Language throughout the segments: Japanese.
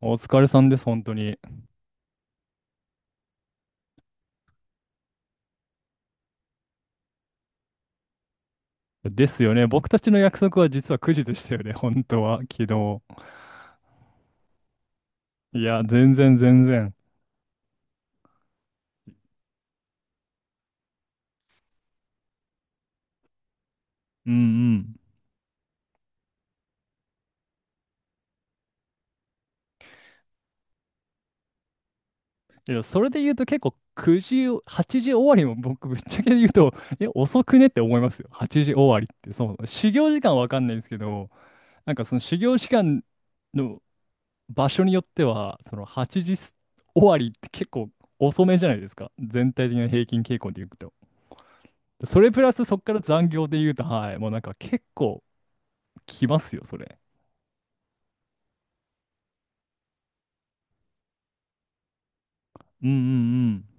お疲れさんです、本当に。ですよね。僕たちの約束は実は9時でしたよね、本当は、昨日。いや、全然全然。うんうん。いや、それで言うと結構9時、8時終わりも僕、ぶっちゃけ言うと、え、遅くねって思いますよ。8時終わりって。そう、修行時間わかんないんですけど、なんかその修行時間の場所によっては、その8時終わりって結構遅めじゃないですか。全体的な平均傾向で言うと。それプラスそこから残業で言うと、はい、もうなんか結構、きますよ、それ。うんうん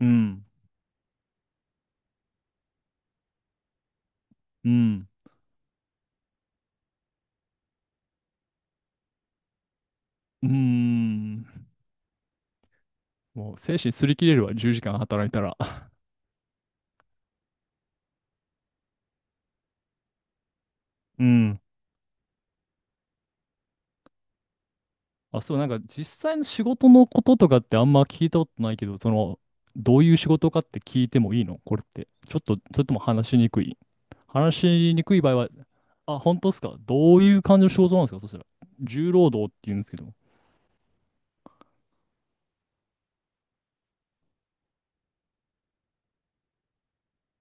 うん。うんうん。うーん。もう精神すり切れるわ、10時間働いたら。うん。あ、そう、なんか実際の仕事のこととかってあんま聞いたことないけど、どういう仕事かって聞いてもいいのこれって。ちょっと、それとも話しにくい場合は、あ、本当ですか？どういう感じの仕事なんですかそしたら。重労働って言うんですけど、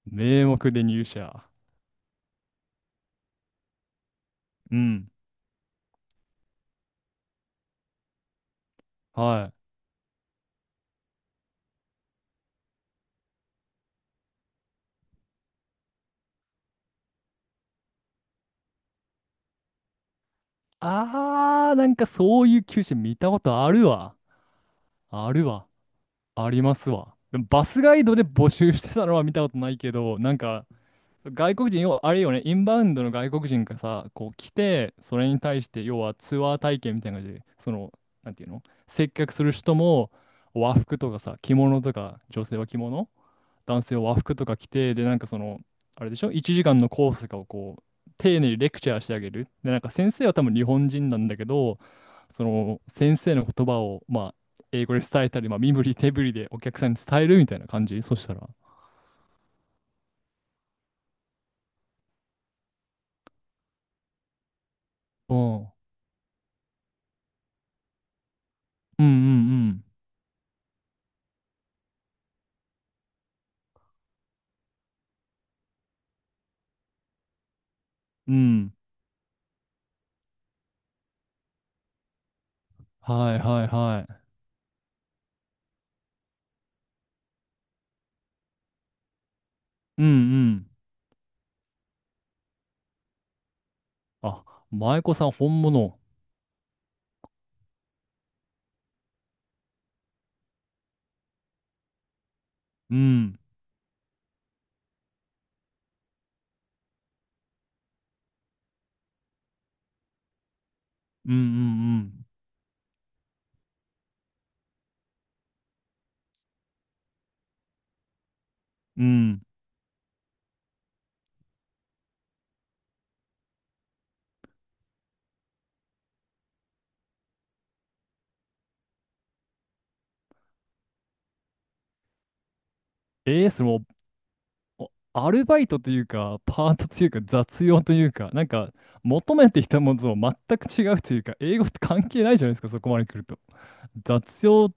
名目で入社。うん。はい。あー、なんかそういう求人見たことあるわ。あるわ。ありますわ。でもバスガイドで募集してたのは見たことないけど、なんか、外国人、要はあれよね、インバウンドの外国人がさ、こう来て、それに対して、要はツアー体験みたいな感じで、なんていうの、接客する人も、和服とかさ、着物とか、女性は着物、男性を和服とか着て、で、なんかその、あれでしょ ?1 時間のコースとかをこう、丁寧にレクチャーしてあげる。で、なんか先生は多分日本人なんだけど、その先生の言葉を、まあ、英語で伝えたり、まあ、身振り手振りでお客さんに伝えるみたいな感じそしたら。うん。うんうんうん。うん。はいはいはい。うんうん。あ、舞妓さん本物。うん。うんうんうん。うん。それもおアルバイトというか、パートというか、雑用というか、なんか、求めてきたものと全く違うというか、英語って関係ないじゃないですか、そこまで来ると。雑用、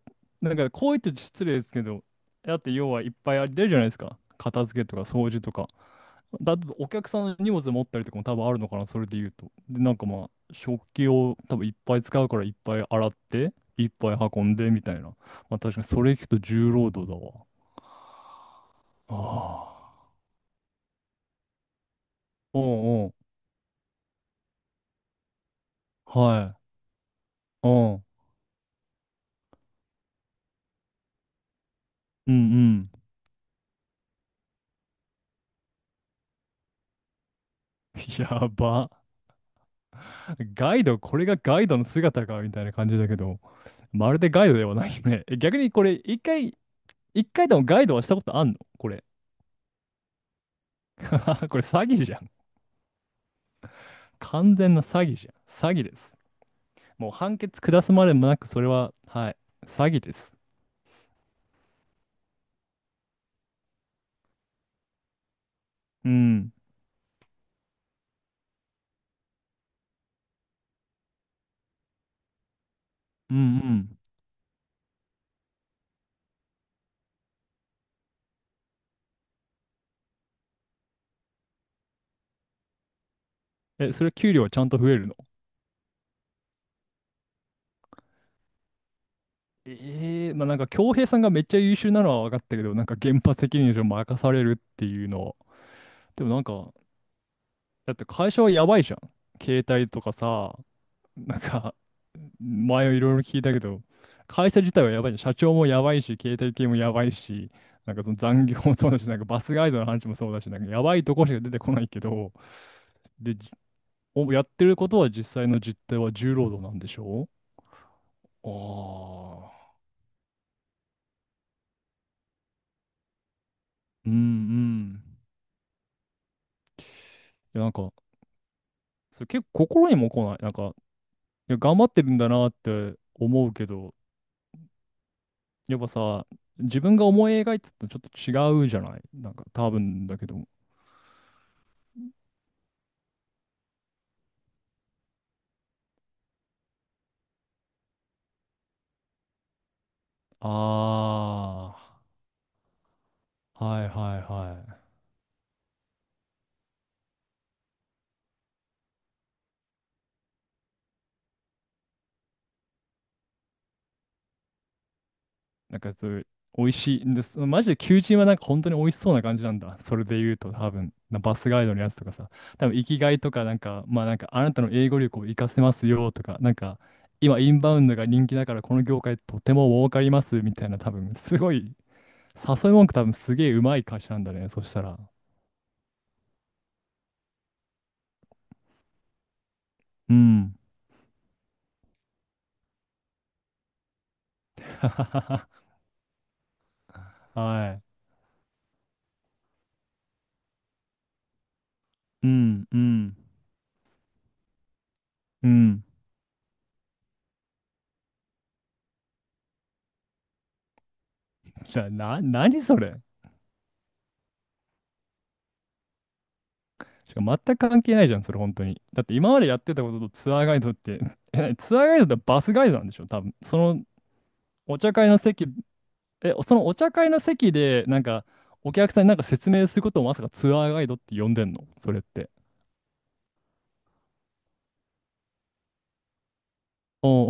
なんか、こう言って失礼ですけど、だって要はいっぱいあり出るじゃないですか。片付けとか掃除とか。だってお客さんの荷物持ったりとかも多分あるのかな、それで言うと。で、なんかまあ、食器を多分いっぱい使うからいっぱい洗って、いっぱい運んでみたいな。まあ確かにそれ聞くと重労働だわ。ああ。おうはい。うん。うんうん。やば。ガイド、これがガイドの姿かみたいな感じだけど、まるでガイドではないね。逆にこれ、一回でもガイドはしたことあんのこれ。これ詐欺じゃん。完全な詐欺じゃん。詐欺です。もう判決下すまでもなく、それは、はい。詐欺です。うん。うんうん。え、それ給料はちゃんと増えるの？ええ、まあなんか、恭平さんがめっちゃ優秀なのは分かったけど、なんか、現場責任者任されるっていうのは、でもなんか、だって会社はやばいじゃん。携帯とかさ、なんか、前いろいろ聞いたけど、会社自体はやばいじゃん。社長もやばいし、携帯系もやばいし、なんかその残業もそうだし、なんかバスガイドの話もそうだし、なんかやばいとこしか出てこないけど、で、おやってることは実際の実態は重労働なんでしょう？ああー。うんうん。いや、なんか、それ結構心にも来ない。なんか、いや、頑張ってるんだなって思うけど、やっぱさ、自分が思い描いてたのとちょっと違うじゃないなんか多分だけど。ああ、はいはいはい。なんかそういう、美味しいんです。マジで求人はなんか本当に美味しそうな感じなんだ。それで言うと多分、バスガイドのやつとかさ、多分生きがいとかなんか、まあなんかあなたの英語力を活かせますよとか、なんか今インバウンドが人気だからこの業界とても儲かりますみたいな多分、すごい、誘い文句多分すげえうまい会社なんだね。そしたら。うん。はい。うん、うん、うん。何それ？しかも全く関係ないじゃん、それ本当に。だって今までやってたこととツアーガイドって、え、ツアーガイドってバスガイドなんでしょ多分。そのお茶会の席、え、そのお茶会の席で、なんか、お客さんになんか説明することをまさかツアーガイドって呼んでんのそれって。おう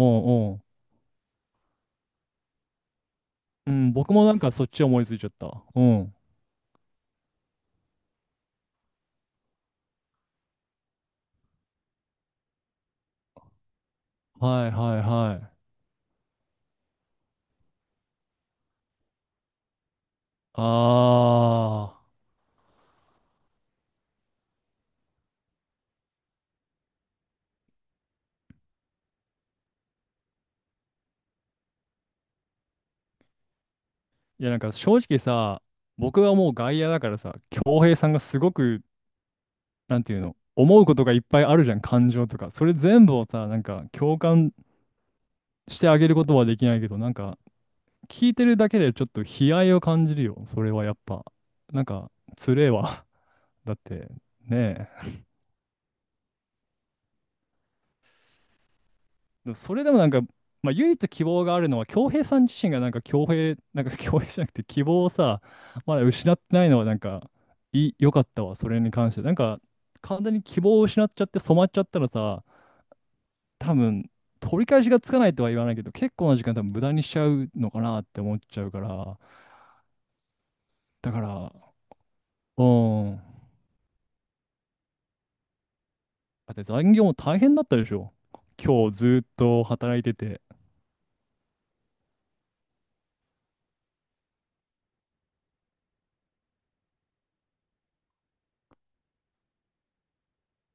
おうおう。うん、僕もなんかそっち思いついちゃった。うん。はいはいはい。ああ。いやなんか正直さ、僕はもう外野だからさ、恭平さんがすごくなんていうの、思うことがいっぱいあるじゃん、感情とか。それ全部をさ、なんか共感してあげることはできないけど、なんか聞いてるだけでちょっと悲哀を感じるよ。それはやっぱ。なんか、つれえわ。だって、ねえ。それでもなんか、まあ、唯一希望があるのは、恭平さん自身がなんか恭平じゃなくて希望をさ、まだ失ってないのはなんか、良かったわ、それに関して。なんか、完全に希望を失っちゃって染まっちゃったらさ、多分、取り返しがつかないとは言わないけど、結構な時間多分無駄にしちゃうのかなって思っちゃうから、だから、うん。だって残業も大変だったでしょ。今日ずっと働いてて。